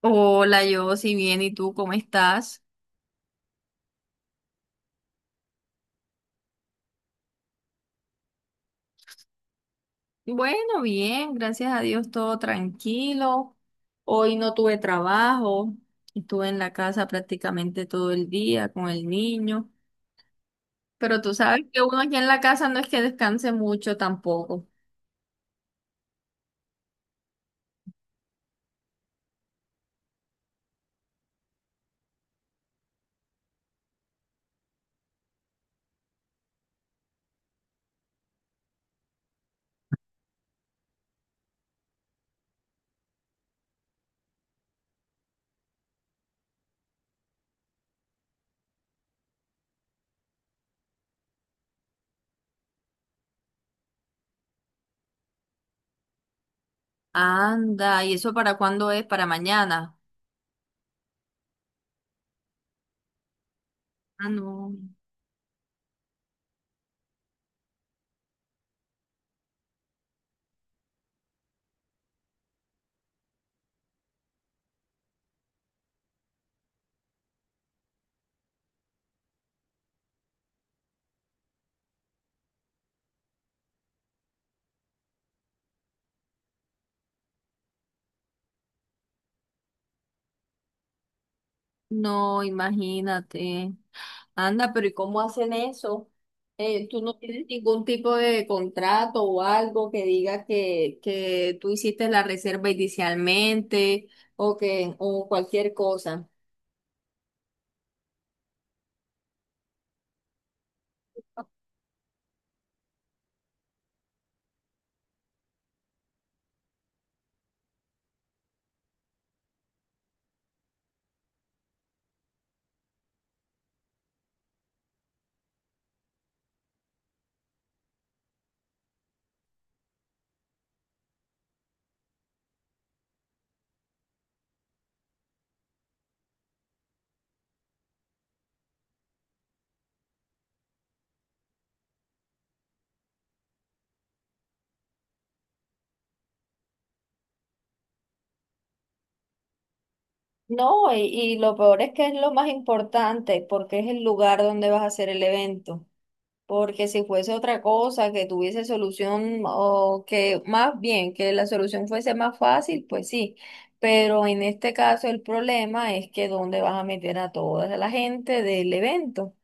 Hola, yo, si bien, ¿y tú cómo estás? Bueno, bien, gracias a Dios, todo tranquilo. Hoy no tuve trabajo, estuve en la casa prácticamente todo el día con el niño, pero tú sabes que uno aquí en la casa no es que descanse mucho tampoco. Anda, ¿y eso para cuándo es? ¿Para mañana? Ah, no, no, imagínate. Anda, pero ¿y cómo hacen eso? ¿Tú no tienes ningún tipo de contrato o algo que diga que tú hiciste la reserva inicialmente o que o cualquier cosa? No, y lo peor es que es lo más importante porque es el lugar donde vas a hacer el evento. Porque si fuese otra cosa que tuviese solución o que más bien que la solución fuese más fácil, pues sí. Pero en este caso el problema es que dónde vas a meter a toda la gente del evento.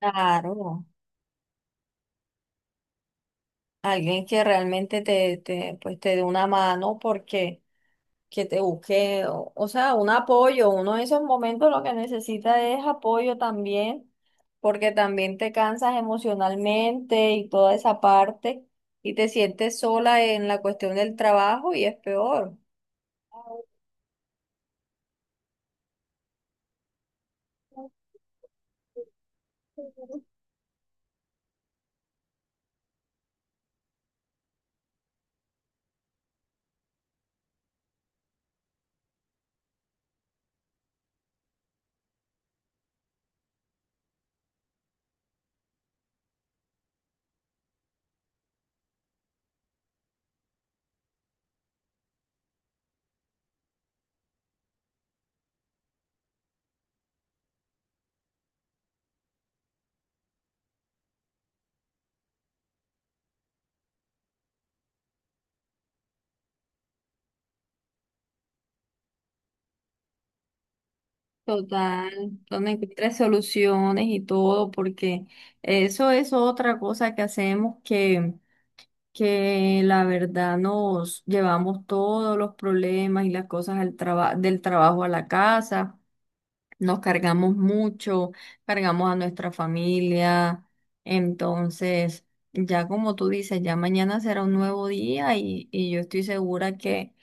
Claro, alguien que realmente pues te dé una mano porque que te busque, o sea, un apoyo. Uno en esos momentos lo que necesita es apoyo también, porque también te cansas emocionalmente y toda esa parte, y te sientes sola en la cuestión del trabajo y es peor. Total, donde encuentres soluciones y todo, porque eso es otra cosa que hacemos que la verdad nos llevamos todos los problemas y las cosas al traba- del trabajo a la casa, nos cargamos mucho, cargamos a nuestra familia, entonces ya como tú dices, ya mañana será un nuevo día y yo estoy segura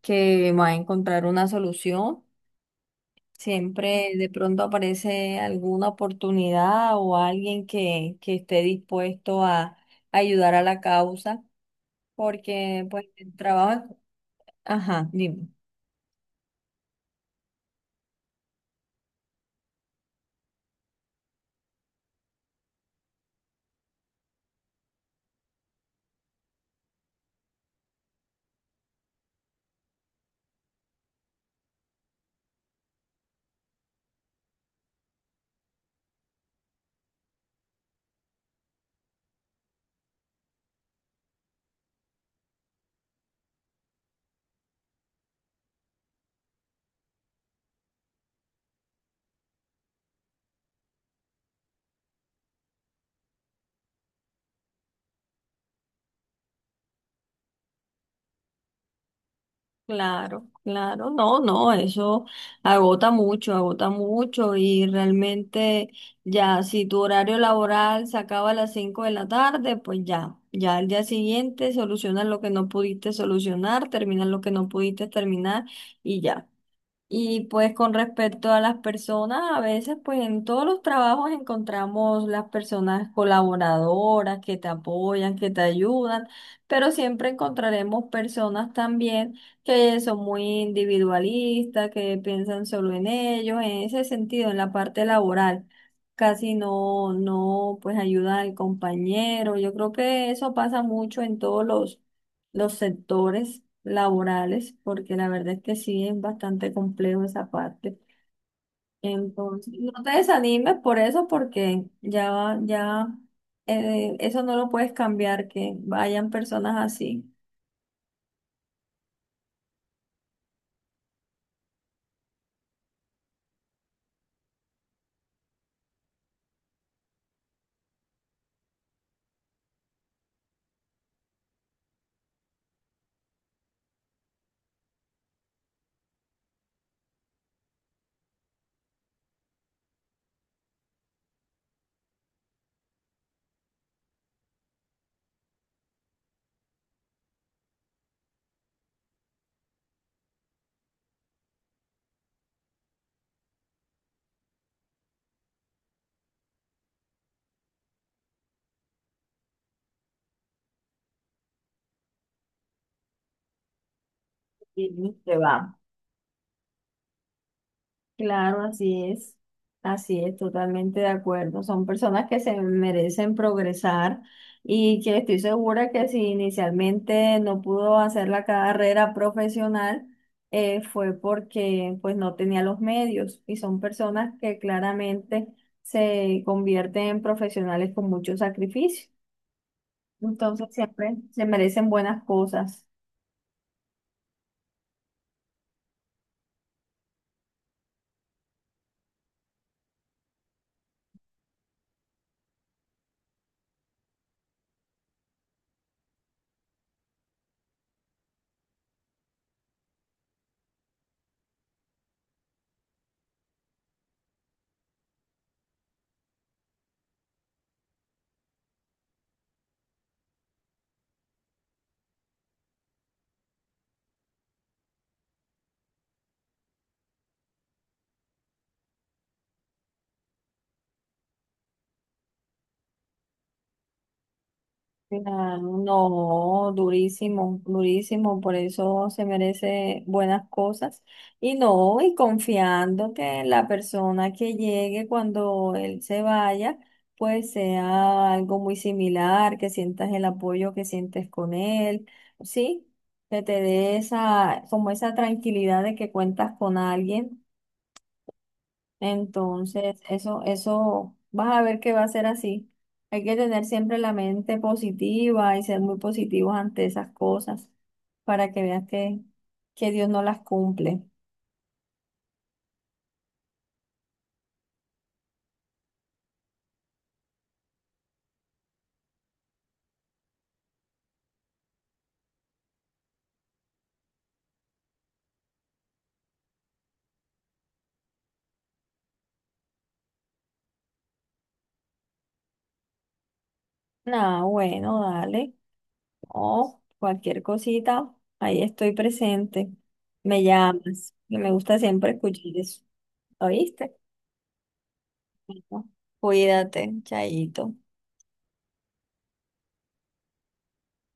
que va a encontrar una solución. Siempre de pronto aparece alguna oportunidad o alguien que esté dispuesto a ayudar a la causa porque pues el trabajo, ajá, dime. Claro, claro, no, no, eso agota mucho y realmente ya si tu horario laboral se acaba a las 5 de la tarde, pues ya, ya al día siguiente solucionas lo que no pudiste solucionar, terminas lo que no pudiste terminar y ya. Y pues con respecto a las personas, a veces pues en todos los trabajos encontramos las personas colaboradoras que te apoyan, que te ayudan, pero siempre encontraremos personas también que son muy individualistas, que piensan solo en ellos, en ese sentido, en la parte laboral. Casi no, no, pues ayuda al compañero. Yo creo que eso pasa mucho en todos los sectores laborales, porque la verdad es que sí es bastante complejo esa parte. Entonces, no te desanimes por eso, porque ya, va- ya eso no lo puedes cambiar, que vayan personas así. Y se va. Claro, así es, totalmente de acuerdo. Son personas que se merecen progresar y que estoy segura que si inicialmente no pudo hacer la carrera profesional, fue porque pues no tenía los medios y son personas que claramente se convierten en profesionales con mucho sacrificio. Entonces siempre se merecen buenas cosas. Claro, no, durísimo, durísimo, por eso se merece buenas cosas. Y no, y confiando que la persona que llegue cuando él se vaya, pues sea algo muy similar, que sientas el apoyo que sientes con él, ¿sí? Que te dé esa, como esa tranquilidad de que cuentas con alguien entonces, eso, vas a ver que va a ser así. Hay que tener siempre la mente positiva y ser muy positivos ante esas cosas para que veas que Dios no las cumple. Nada, bueno, dale. Oh, cualquier cosita, ahí estoy presente. Me llamas, que me gusta siempre escuchar eso. ¿Oíste? Bueno, cuídate, chaito.